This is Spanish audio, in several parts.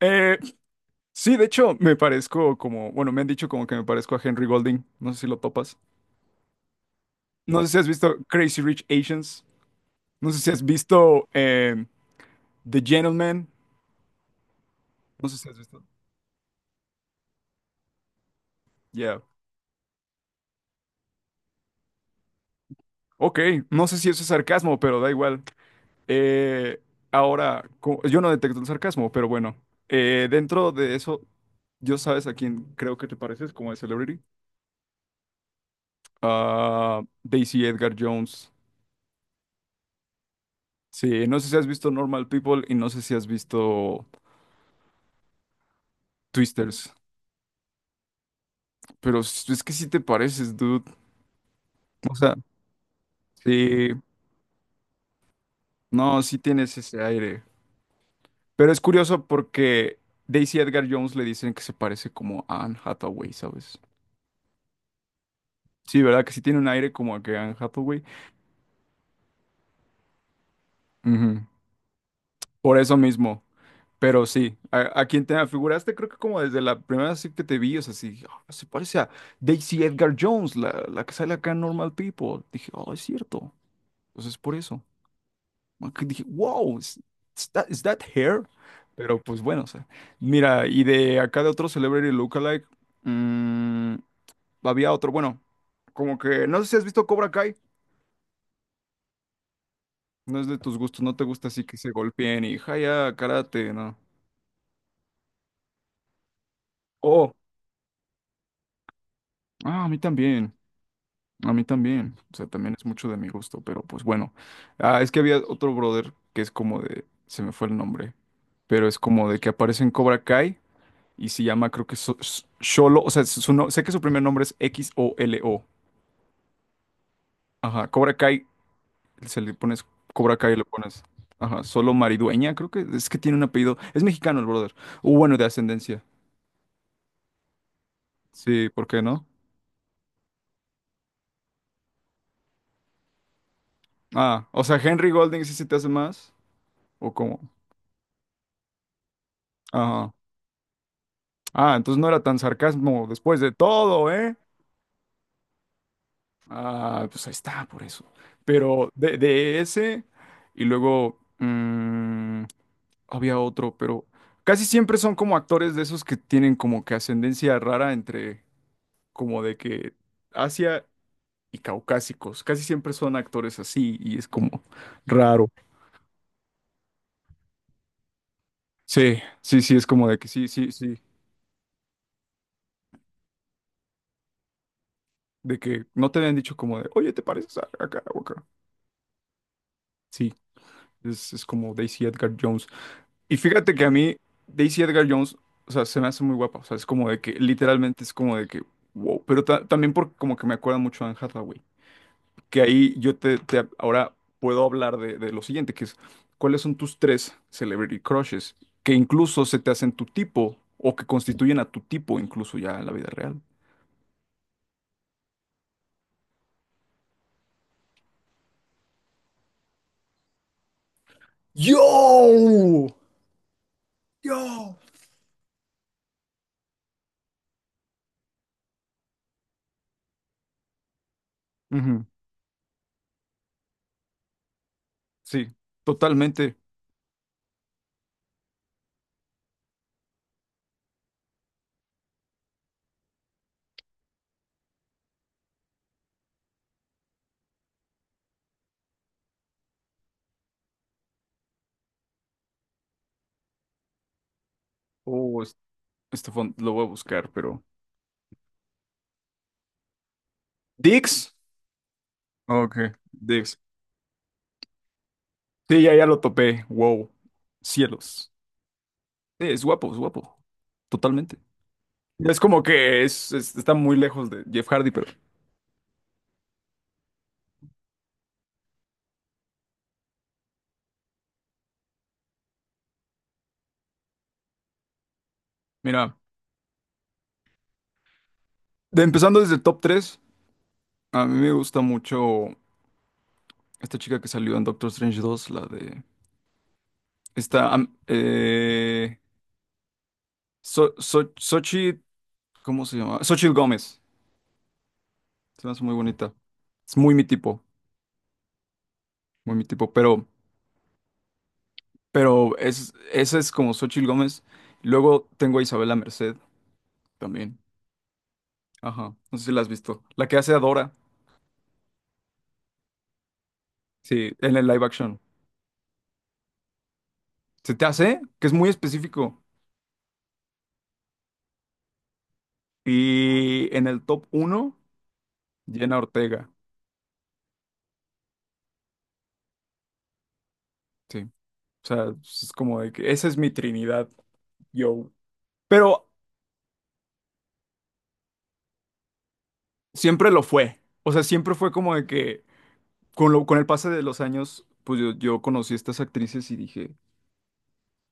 Eh, sí, de hecho, me parezco como, bueno, me han dicho como que me parezco a Henry Golding. No sé si lo topas. No sé si has visto Crazy Rich Asians. No sé si has visto The Gentleman. No sé si has visto. Yeah. Ok, no sé si eso es sarcasmo, pero da igual. Eh, ahora, yo no detecto el sarcasmo, pero bueno. Dentro de eso, ¿yo sabes a quién creo que te pareces como de Celebrity? Ah, Daisy Edgar Jones. Sí, no sé si has visto Normal People y no sé si has visto Twisters, pero es que sí te pareces, dude. O sea, sí, no, sí tienes ese aire. Pero es curioso porque Daisy Edgar Jones le dicen que se parece como a Anne Hathaway, ¿sabes? Sí, ¿verdad? Que sí tiene un aire como a que Anne Hathaway. Ujú. Por eso mismo. Pero sí, a quien te afiguraste, creo que como desde la primera vez que te vi, o sea, sí, "Ah, se parece a Daisy Edgar Jones, la que sale acá en Normal People. Dije, oh, es cierto. Entonces, por eso. Que dije, wow, is that, is that hair? Pero pues bueno, o sea, mira, y de acá de otro celebrity lookalike, mm, había otro, bueno, como que, no sé si has visto Cobra Kai, no es de tus gustos, no te gusta así que se golpeen y ya, karate, no. Oh, ah, a mí también, o sea, también es mucho de mi gusto, pero pues bueno, ah, es que había otro brother que es como de, se me fue el nombre, pero es como de que aparece en Cobra Kai. Y se llama, creo que Solo, o sea, su sé que su primer nombre es Xolo. Ajá, Cobra Kai, se le pones Cobra Kai y le pones. Ajá, Solo Maridueña, creo que es que tiene un apellido. Es mexicano el brother. O bueno, de ascendencia. Sí, ¿por qué no? Ah, o sea, Henry Golding sí se te hace más. ¿O cómo? Ajá. Ah, entonces no era tan sarcasmo después de todo, ¿eh? Ah, pues ahí está, por eso. Pero de ese, y luego, había otro, pero casi siempre son como actores de esos que tienen como que ascendencia rara entre como de que Asia y caucásicos. Casi siempre son actores así y es como raro. Sí, sí, sí, es como de que sí, sí, sí, de que no te habían dicho como de, oye, ¿te pareces a acá o acá? Sí, es como Daisy Edgar Jones. Y fíjate que a mí, Daisy Edgar Jones, o sea, se me hace muy guapa, o sea, es como de que literalmente es como de que, wow, pero también porque como que me acuerda mucho a Anne Hathaway. Que ahí yo ahora puedo hablar de lo siguiente, que es cuáles son tus tres celebrity crushes que incluso se te hacen tu tipo o que constituyen a tu tipo incluso ya en la vida real. ¡Yo! ¡Yo! Ujú. Sí, totalmente. Oh, Estefan, lo voy a buscar, pero... Dix. Ok, Dix. Sí, ya, ya lo topé. Wow. Cielos. Sí, es guapo, es guapo. Totalmente. Es como que está muy lejos de Jeff Hardy, pero... Mira. Empezando desde el top tres, a mí me gusta mucho esta chica que salió en Doctor Strange dos, la de... Esta... So- So- Xochitl- ¿cómo se llama? Xochitl Gómez. Se me hace muy bonita. Es muy mi tipo, pero esa es como Xochitl Gómez. Luego tengo a Isabela Merced también. Ajá, no sé si la has visto. La que hace a Dora, sí, en el live action. ¿Se te hace? Que es muy específico. Y en el top uno, Jenna Ortega. Sí. O sea, pues, es como de que esa es mi Trinidad, yo. Pero siempre lo fue. O sea, siempre fue como de que con el pase de los años, pues yo conocí a estas actrices y dije,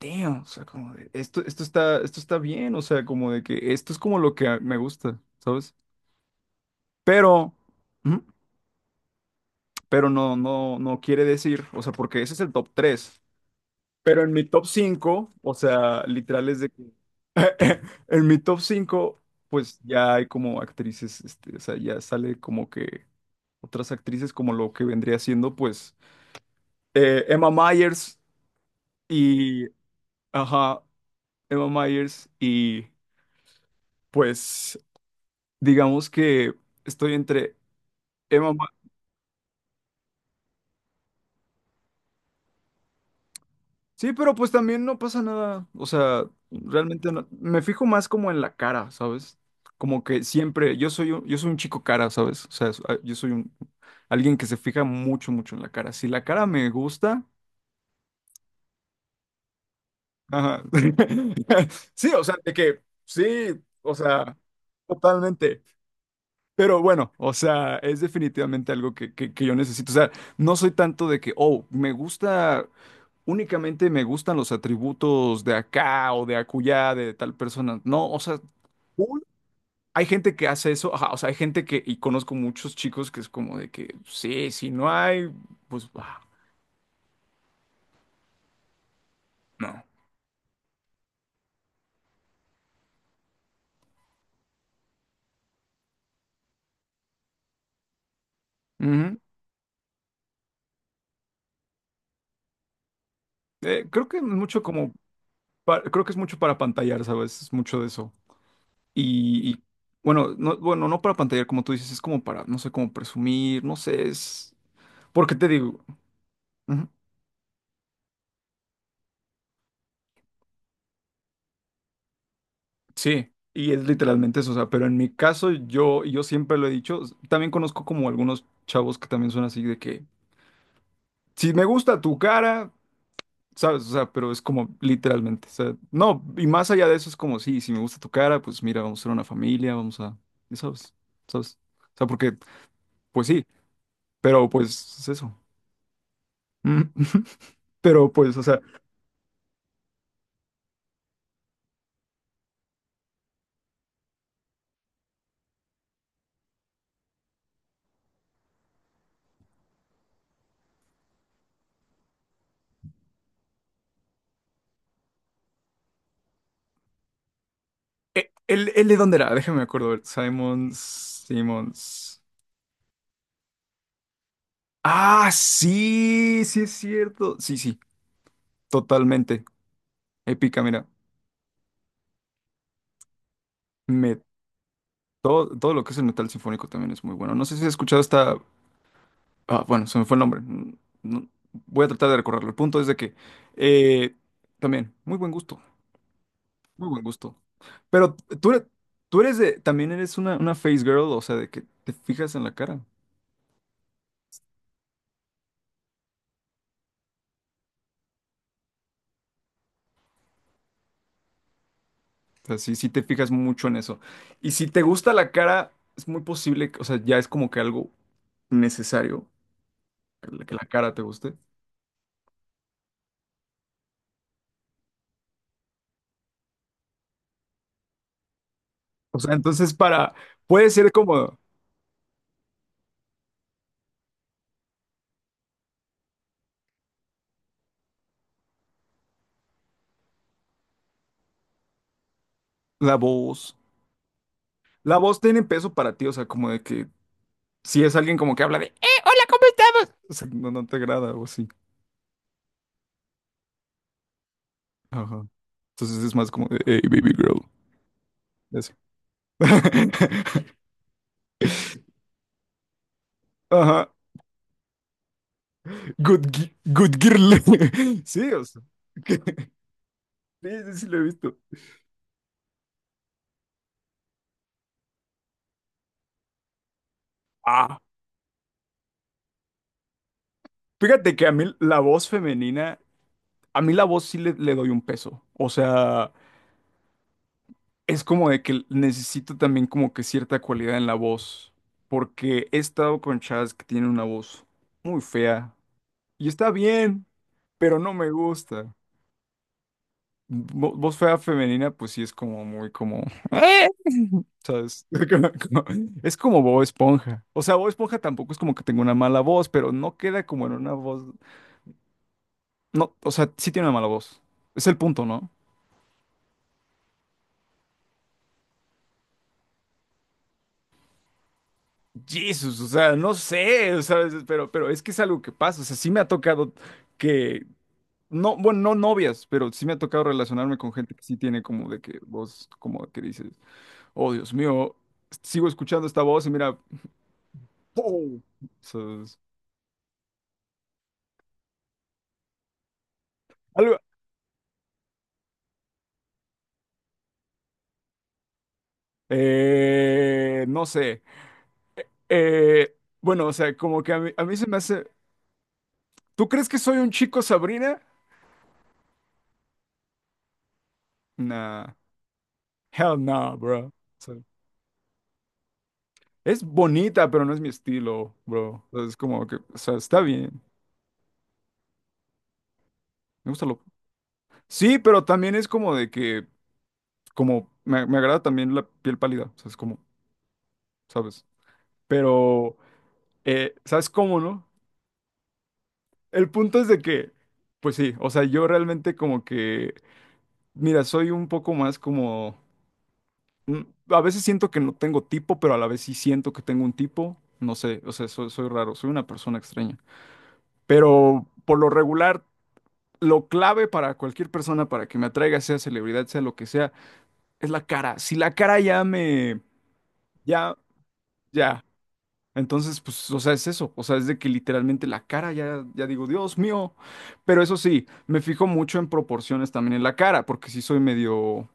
damn, o sea, como de, esto está, esto está bien, o sea, como de que esto es como lo que me gusta, ¿sabes? Pero, ujú, no, no, no quiere decir, o sea, porque ese es el top tres. Pero en mi top 5, o sea, literal es de que... En mi top 5, pues ya hay como actrices, este, o sea, ya sale como que otras actrices como lo que vendría siendo, pues, Emma Myers y... Ajá, Emma Myers y pues digamos que estoy entre... Emma. Sí, pero pues también no pasa nada. O sea, realmente me fijo más como en la cara, ¿sabes? Como que siempre, yo soy un chico cara, ¿sabes? O sea, yo soy un alguien que se fija mucho, mucho en la cara. Si la cara me gusta, ajá. Sí, o sea, de que sí, o sea, totalmente. Pero bueno, o sea, es definitivamente algo que yo necesito. O sea, no soy tanto de que, oh, me gusta. Únicamente me gustan los atributos de acá o de acullá de tal persona. No, o sea, cool. hay gente que hace eso, ajá, o sea, hay gente que, y conozco muchos chicos que es como de que, sí, si no hay, pues, ah, no. Ujú. Creo que es mucho como, creo que es mucho para pantallar, ¿sabes? Es mucho de eso. Y, y, bueno, no, bueno, no para pantallar, como tú dices, es como para, no sé, como presumir, no sé, es, ¿porque te digo? Ujú. Sí, y es literalmente eso, o sea, pero en mi caso yo, siempre lo he dicho, también conozco como algunos chavos que también son así de que, si me gusta tu cara, sabes, o sea, pero es como literalmente, o sea, no, y más allá de eso es como, sí, si me gusta tu cara, pues mira, vamos a ser una familia, vamos a, y sabes, o sea, porque, pues sí, pero pues es eso. Mm. Pero pues, o sea, ¿él de dónde era? Déjame acuerdo, a ver, Simon, Simons. Ah, sí, sí es cierto. Sí, sí. Totalmente épica, mira. Me, todo lo que es el metal sinfónico también es muy bueno. No sé si has escuchado esta... Ah, bueno, se me fue el nombre. Voy a tratar de recorrerlo. El punto es de que eh, también, muy buen gusto, muy buen gusto. Pero tú, eres- tú eres de... También eres una face girl, o sea, de que te fijas en la cara. O sea, sí, sí te fijas mucho en eso. Y si te gusta la cara, es muy posible, o sea, ya es como que algo necesario que la cara te guste. O sea, entonces para... Puede ser como... La voz. La voz tiene peso para ti, o sea, como de que si es alguien como que habla de, o sea, no, no te agrada o así. Ajá. Entonces es más como de, hey, baby girl. Eso. Ajá. Good, good girl. Sí, o sea. que- Sí, sí, sí, lo he visto. Ah, fíjate que a mí la voz femenina, a mí la voz sí le doy un peso. O sea. Es como de que necesito también como que cierta cualidad en la voz, porque he estado con chavas que tienen una voz muy fea y está bien, pero no me gusta. Voz fea femenina, pues sí es como muy como, "Eh", ¿sabes? Es como Bob Esponja. O sea, Bob Esponja tampoco es como que tenga una mala voz, pero no queda como en una voz, no, o sea, sí tiene una mala voz. Es el punto, ¿no? Jesus, o sea, no sé, ¿sabes? Pero es que es algo que pasa, o sea, sí me ha tocado que. No, bueno, no novias, pero sí me ha tocado relacionarme con gente que sí tiene como de que voz, como de que dices, oh Dios mío, sigo escuchando esta voz y mira, ¡pum! So, es algo, no sé, eh, bueno, o sea, como que a mí, se me hace, ¿tú crees que soy un chico Sabrina? Nah, hell no, bro. So, es bonita, pero no es mi estilo, bro. So, es como que, o sea, está bien, me gusta lo... Sí, pero también es como de que... Como me agrada también la piel pálida, o sea, es como, ¿sabes? Pero, ¿sabes cómo, no? El punto es de que, pues sí, o sea, yo realmente como que, mira, soy un poco más como, a veces siento que no tengo tipo, pero a la vez sí siento que tengo un tipo, no sé, o sea, soy raro, soy una persona extraña. Pero por lo regular, lo clave para cualquier persona, para que me atraiga, sea celebridad, sea lo que sea, es la cara. Si la cara ya me, ya... Ya, entonces, pues, o sea, es eso, o sea, es de que literalmente la cara ya, ya digo, Dios mío, pero eso sí, me fijo mucho en proporciones también en la cara, porque sí soy medio,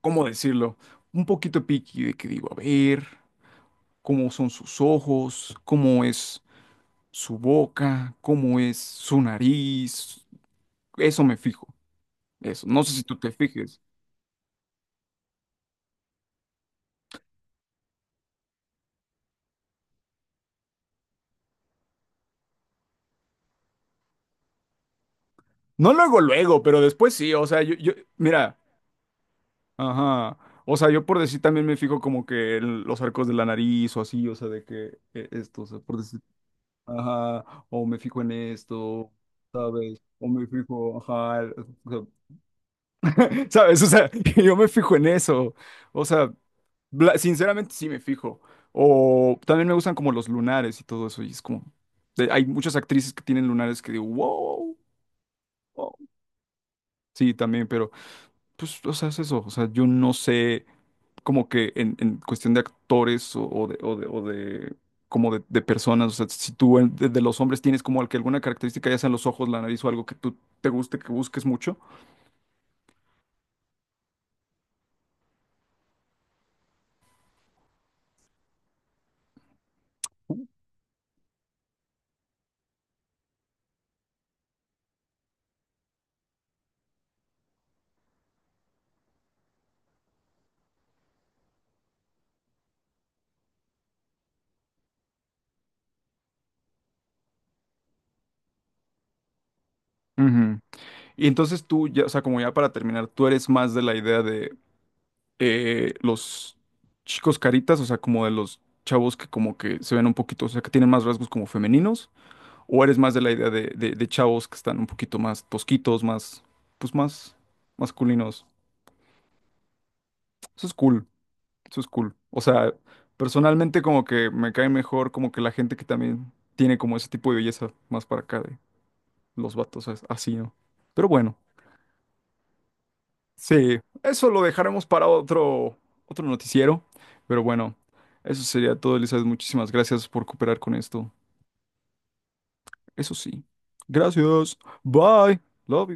¿cómo decirlo? Un poquito picky de que digo, a ver, cómo son sus ojos, cómo es su boca, cómo es su nariz, eso me fijo, eso, no sé si tú te fijes. No luego, luego, pero después sí, o sea, yo, mira. Ajá. O sea, yo por decir también me fijo como que los arcos de la nariz o así, o sea, de que esto, o sea, por decir, ajá, o me fijo en esto, ¿sabes? O me fijo, ajá, o sea, ¿sabes? O sea, yo me fijo en eso. O sea, sinceramente sí me fijo. O también me gustan como los lunares y todo eso, y es como, hay muchas actrices que tienen lunares que digo, wow, wow". Sí, también, pero pues, o sea, es eso, o sea, yo no sé. Como que en cuestión de actores o de como de personas, o sea, si tú de los hombres tienes como que alguna característica, ya sean los ojos, la nariz o algo que tú te guste, que busques mucho. Ujú. Y entonces tú, ya, o sea, como ya para terminar, tú eres más de la idea de los chicos caritas, o sea, como de los chavos que como que se ven un poquito, o sea, que tienen más rasgos como femeninos, o eres más de la idea de chavos que están un poquito más tosquitos, más, pues más masculinos. Eso es cool. Eso es cool. O sea, personalmente como que me cae mejor como que la gente que también tiene como ese tipo de belleza más para acá de los vatos así, ¿no? Pero bueno, sí, eso lo dejaremos para otro noticiero. Pero bueno, eso sería todo, Elizabeth. Muchísimas gracias por cooperar con esto. Eso sí. Gracias. Bye. Love you.